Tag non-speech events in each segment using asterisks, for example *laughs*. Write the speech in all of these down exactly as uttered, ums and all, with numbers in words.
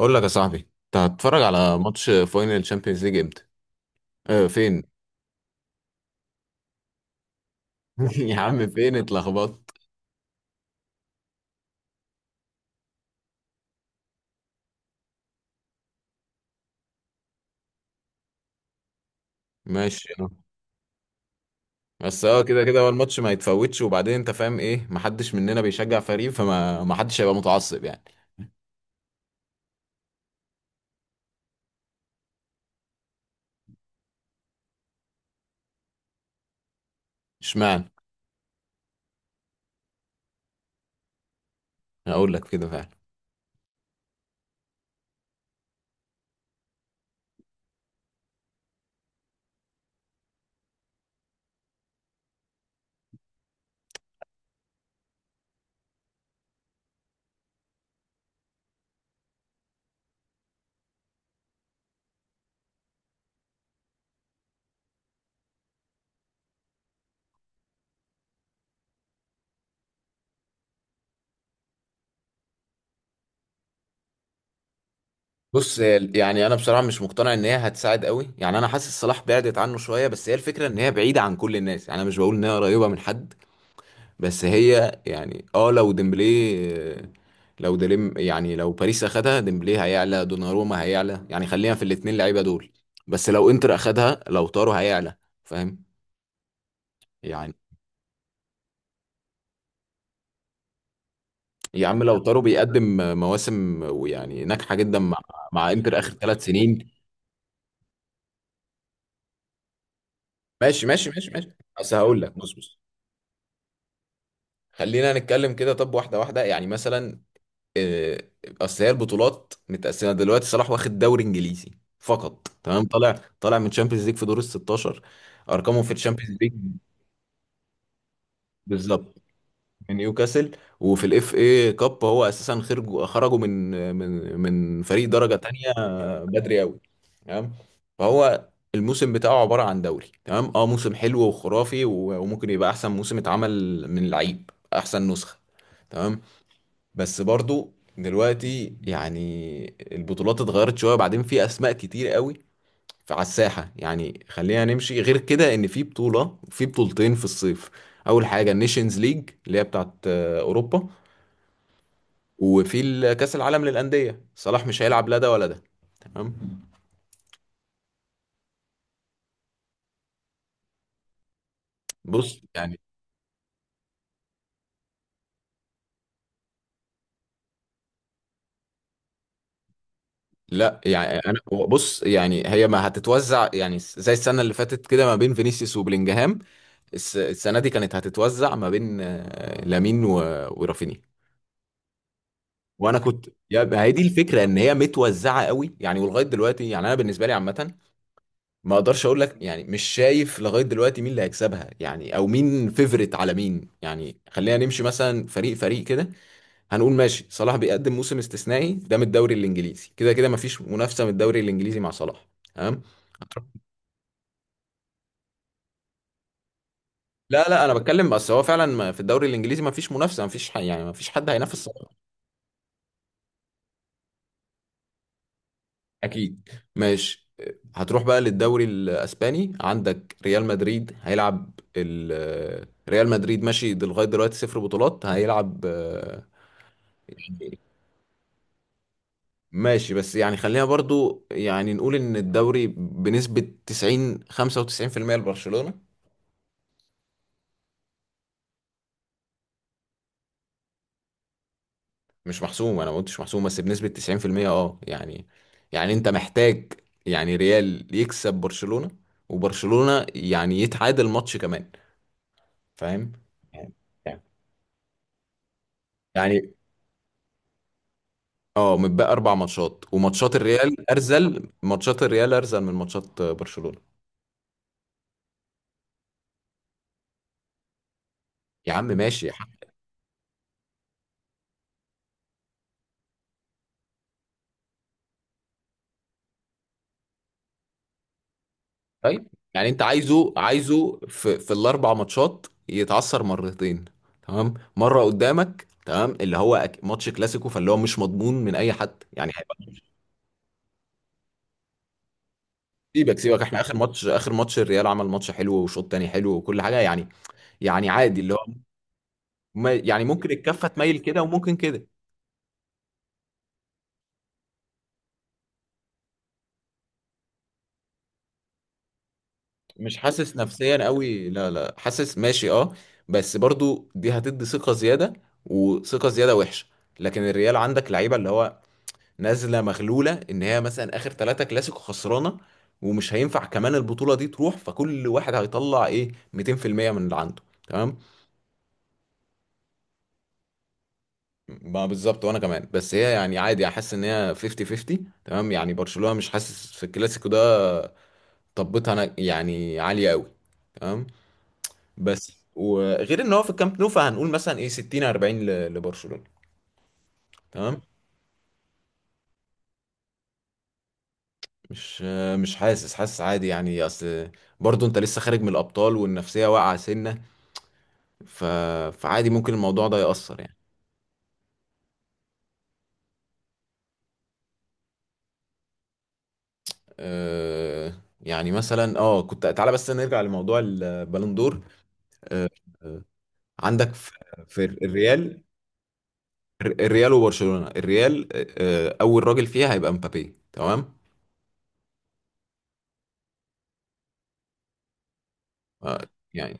اقول لك يا صاحبي، انت هتتفرج على ماتش فاينل تشامبيونز ليج امتى؟ اه فين؟ *laughs* يا عم فين اتلخبطت؟ ماشي اه. بس اه كده كده هو الماتش ما يتفوتش، وبعدين انت فاهم ايه؟ محدش مننا بيشجع فريق، فما ما حدش هيبقى متعصب يعني. اشمعنى؟ هقول لك كده فعلا. بص هي ال- يعني انا بصراحه مش مقتنع ان هي هتساعد قوي، يعني انا حاسس صلاح بعدت عنه شويه، بس هي الفكره ان هي بعيده عن كل الناس، يعني انا مش بقول ان هي قريبه من حد. بس هي يعني اه لو ديمبلي آه، لو ديلم يعني لو باريس اخدها ديمبلي هيعلى، دوناروما هيعلى، يعني خلينا في الاتنين لعيبه دول. بس لو انتر اخدها لو تارو هيعلى، فاهم يعني. يا عم لو تارو بيقدم مواسم ويعني ناجحه جدا مع مع انتر اخر تلات سنين. ماشي ماشي ماشي ماشي. بس هقول لك بص بص، خلينا نتكلم كده، طب واحده واحده يعني مثلا آه، اصل هي البطولات متقسمه دلوقتي. صلاح واخد دوري انجليزي فقط، تمام، طالع طالع من تشامبيونز ليج في دور ال ستاشر. ارقامه في الشامبيونز ليج بالظبط من نيوكاسل. وفي الاف اي كاب هو اساسا خرجوا خرجوا من من من فريق درجه تانية، بدري قوي، تمام. فهو الموسم بتاعه عباره عن دوري تمام، اه موسم حلو وخرافي، و- وممكن يبقى احسن موسم اتعمل من لعيب، احسن نسخه، تمام. بس برضو دلوقتي يعني البطولات اتغيرت شوية، وبعدين في أسماء كتير قوي على الساحة. يعني خلينا نمشي غير كده، إن في بطولة، في بطولتين في الصيف. أول حاجة النيشنز ليج اللي هي بتاعت آه، أوروبا، وفي ال- كأس العالم للأندية. صلاح مش هيلعب لا ده ولا ده، تمام. بص يعني لا يعني انا بص يعني هي ما هتتوزع يعني زي السنه اللي فاتت كده ما بين فينيسيوس وبلينجهام. الس- السنه دي كانت هتتوزع ما بين آه، لامين و- ورافينيا. وانا كنت يا ما، هي دي الفكره ان هي متوزعه قوي يعني، ولغايه دلوقتي يعني انا بالنسبه لي عامه ما اقدرش اقول لك. يعني مش شايف لغايه دلوقتي مين اللي هيكسبها يعني، او مين فيفرت على مين. يعني خلينا نمشي مثلا فريق فريق كده. هنقول ماشي، صلاح بيقدم موسم استثنائي ده من الدوري الانجليزي، كده كده ما فيش منافسه من الدوري الانجليزي مع صلاح، تمام. لا لا انا بتكلم، بس هو فعلا ما- في الدوري الانجليزي ما فيش منافسه، ما فيش ح- يعني ما فيش حد هينافس صلاح. اكيد، ماشي. هتروح بقى للدوري الاسباني، عندك ريال مدريد هيلعب ال- ريال مدريد ماشي، دل- لغايه دلوقتي صفر بطولات هيلعب آه، ماشي. بس يعني خلينا برضو يعني نقول ان الدوري بنسبه تسعين خمسة وتسعين في المية لبرشلونه. مش محسوم، انا ما قلتش محسوم، بس بنسبه تسعين في المية اه يعني. يعني انت محتاج يعني ريال يكسب برشلونه، وبرشلونه يعني يتعادل ماتش كمان، فاهم يعني. يعني اه متبقى اربع ماتشات، وماتشات الريال ارزل، ماتشات الريال ارزل من ماتشات برشلونة. يا عم ماشي يا حاج. طيب يعني انت عايزه عايزه في في الاربع ماتشات يتعثر مرتين، تمام مره قدامك تمام، اللي هو أك- ماتش كلاسيكو، فاللي هو مش مضمون من اي حد يعني هيبقى *laughs* سيبك سيبك احنا اخر ماتش اخر ماتش الريال عمل ماتش حلو، وشوط تاني حلو وكل حاجه يعني، يعني عادي اللي هو ما- يعني ممكن الكفه تميل كده وممكن كده. مش حاسس نفسيا قوي، لا لا، حاسس ماشي اه. بس برضو دي هتدي ثقة زيادة، وثقة زيادة وحشة. لكن الريال عندك لعيبة اللي هو نازلة مغلولة ان هي مثلا اخر ثلاثة كلاسيكو خسرانة. ومش هينفع كمان البطولة دي تروح، فكل واحد هيطلع ايه ميتين في المية من اللي عنده، تمام. ما بالظبط، وانا كمان. بس هي يعني عادي، احس ان هي خمسين خمسين تمام، يعني برشلونة مش حاسس في الكلاسيكو ده، طبتها انا يعني عالية قوي، تمام. بس وغير ان هو في الكامب نو فهنقول مثلا ايه ستين اربعين ل- لبرشلونة، تمام. مش مش حاسس، حاسس عادي يعني، اصل برضو انت لسه خارج من الابطال والنفسية واقعة سنة، ف... فعادي ممكن الموضوع ده يأثر يعني. أه... يعني مثلا اه كنت تعالى بس نرجع لموضوع البالندور. أه... آه، عندك في في الريال، الريال وبرشلونة. الريال أه... آه، اول راجل فيها هيبقى مبابي، تمام. آه، يعني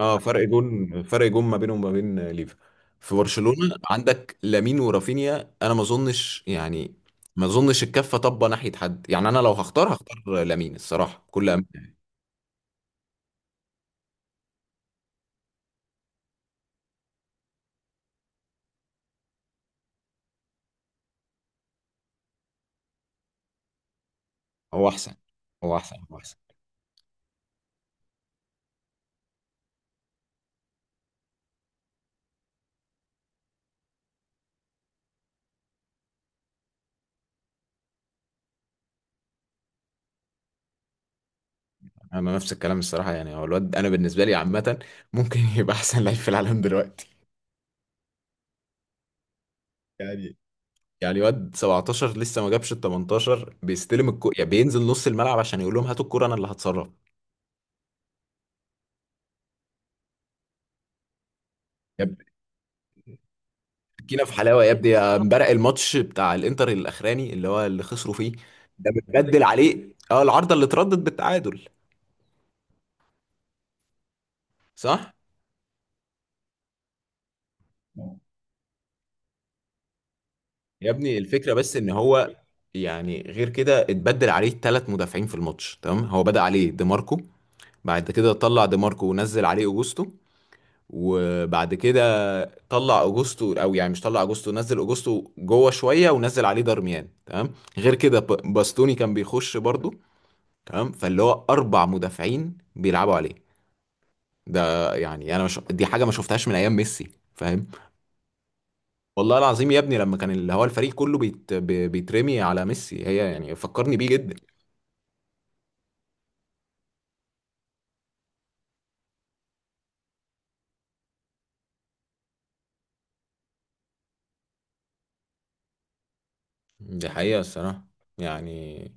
اه فرق جون فرق جون ما بينهم وما بين ليفا. في برشلونة عندك لامين ورافينيا، انا ما اظنش يعني، ما اظنش الكفة طبة ناحية حد يعني. انا لو هختار هختار لامين الصراحة كل أم... هو احسن هو احسن هو احسن. انا نفس الكلام الصراحة، يعني هو الواد انا بالنسبة لي عامة *laughs* ممكن يبقى احسن لعيب في العالم دلوقتي. يعني يعني واد سبعتاشر لسه ما جابش ال تمنتاشر بيستلم الكو... يعني بينزل نص الملعب عشان يقول لهم هاتوا الكرة انا اللي هتصرف. جينا في حلاوه يا ابني، يا امبارح الماتش بتاع الانتر الاخراني اللي هو اللي خسروا فيه، ده متبدل عليه اه العارضه اللي اتردت بالتعادل، صح. يا ابني الفكره بس ان هو يعني غير كده اتبدل عليه ثلاث مدافعين في الماتش، تمام. هو بدأ عليه ديماركو، بعد كده طلع ديماركو ونزل عليه اوجوستو، وبعد كده طلع اوجوستو او يعني مش طلع اوجوستو، نزل اوجوستو جوه شويه ونزل عليه دارميان، تمام. غير كده ب- باستوني كان بيخش برضه، تمام. فاللي هو اربع مدافعين بيلعبوا عليه ده، يعني انا مش دي حاجه ما شفتهاش من ايام ميسي، فاهم. والله العظيم يا ابني لما كان اللي هو الفريق كله بيت... بي- بيترمي على ميسي، هي يعني فكرني بيه جدا. دي حقيقة الصراحة. يعني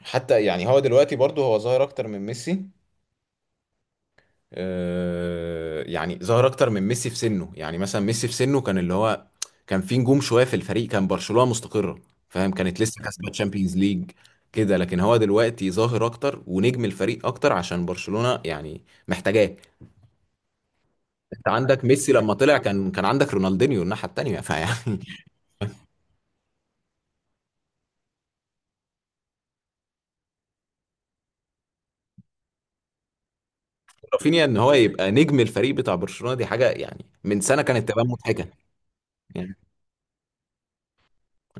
حتى يعني هو دلوقتي برضه هو ظاهر اكتر من ميسي. آه، يعني ظهر اكتر من ميسي في سنه. يعني مثلا ميسي في سنه كان اللي هو كان في نجوم شويه في الفريق، كان برشلونه مستقره، فاهم، كانت لسه كاسبه تشامبيونز ليج كده. لكن هو دلوقتي ظاهر اكتر ونجم الفريق اكتر، عشان برشلونه يعني محتاجاه. انت عندك ميسي لما طلع كان كان عندك رونالدينيو الناحيه التانيه، فيعني *laughs* رافينيا ان هو يبقى نجم الفريق بتاع برشلونه دي حاجه يعني من سنه كانت تبان مضحكه.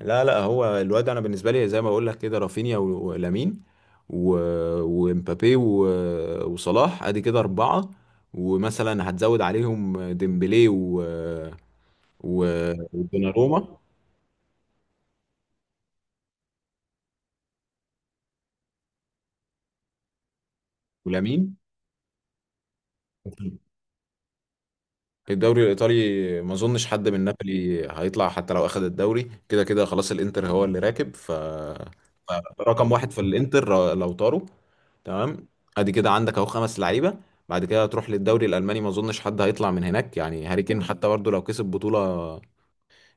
لا لا هو الواد انا بالنسبه لي زي ما بقول لك كده، رافينيا و- ولامين و- ومبابي و- وصلاح، ادي كده اربعه. ومثلا هتزود عليهم ديمبلي و و- ودوناروما ولامين. الدوري الايطالي ما اظنش حد من نابولي هيطلع حتى لو اخذ الدوري، كده كده خلاص الانتر هو اللي راكب، ف رقم واحد في الانتر لو طاروا، تمام. ادي كده عندك اهو خمس لعيبه. بعد كده هتروح للدوري الالماني، ما اظنش حد هيطلع من هناك، يعني هاري كين حتى برضه لو كسب بطوله،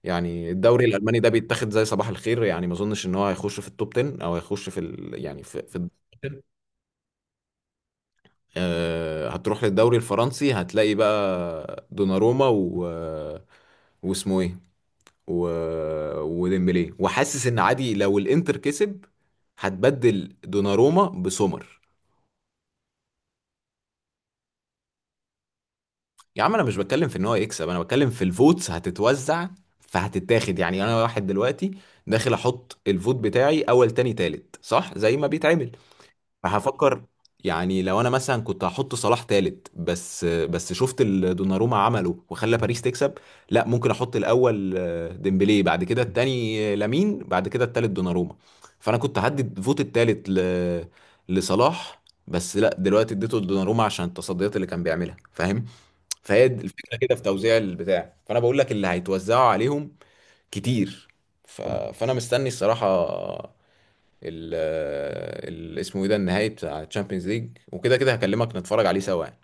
يعني الدوري الالماني ده بيتاخد زي صباح الخير يعني، ما اظنش ان هو هيخش في التوب عشرة او هيخش في ال... يعني في في آه، هتروح للدوري الفرنسي، هتلاقي بقى دوناروما و، واسمه ايه، و... وديمبلي. وحاسس ان عادي لو الانتر كسب هتبدل دوناروما بسومر. يا عم انا مش بتكلم في ان هو يكسب، انا بتكلم في الفوتس هتتوزع، فهتتاخد. يعني انا واحد دلوقتي داخل احط الفوت بتاعي اول تاني تالت، صح زي ما بيتعمل، فهفكر. يعني لو انا مثلا كنت هحط صلاح تالت، بس بس شفت اللي دوناروما عمله وخلى باريس تكسب، لا ممكن احط الاول آه، ديمبلي، بعد كده التاني آه، لامين، بعد كده التالت دوناروما. فانا كنت هدي فوت التالت ل... لصلاح، بس لا دلوقتي اديته لدوناروما عشان التصديات اللي كان بيعملها، فاهم. فهي دي الفكره كده في توزيع البتاع، فانا بقول لك اللي هيتوزعوا عليهم كتير. ف... فانا مستني الصراحه ال ال- اسمه ايه ده، النهائي بتاع تشامبيونز ليج، وكده كده هكلمك نتفرج عليه سوا يعني.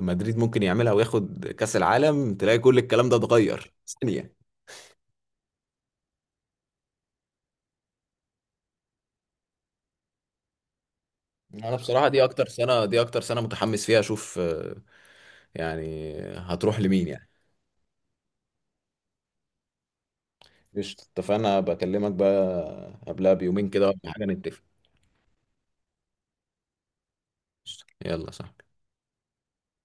مدريد ممكن يعملها وياخد كأس العالم، تلاقي كل الكلام ده اتغير ثانية. انا بصراحة دي اكتر سنة، دي اكتر سنة متحمس فيها اشوف آه، يعني هتروح لمين يعني. قشطة، اتفقنا، بكلمك بقى قبلها بيومين كده ولا حاجة نتفق. قشطة. يلا صح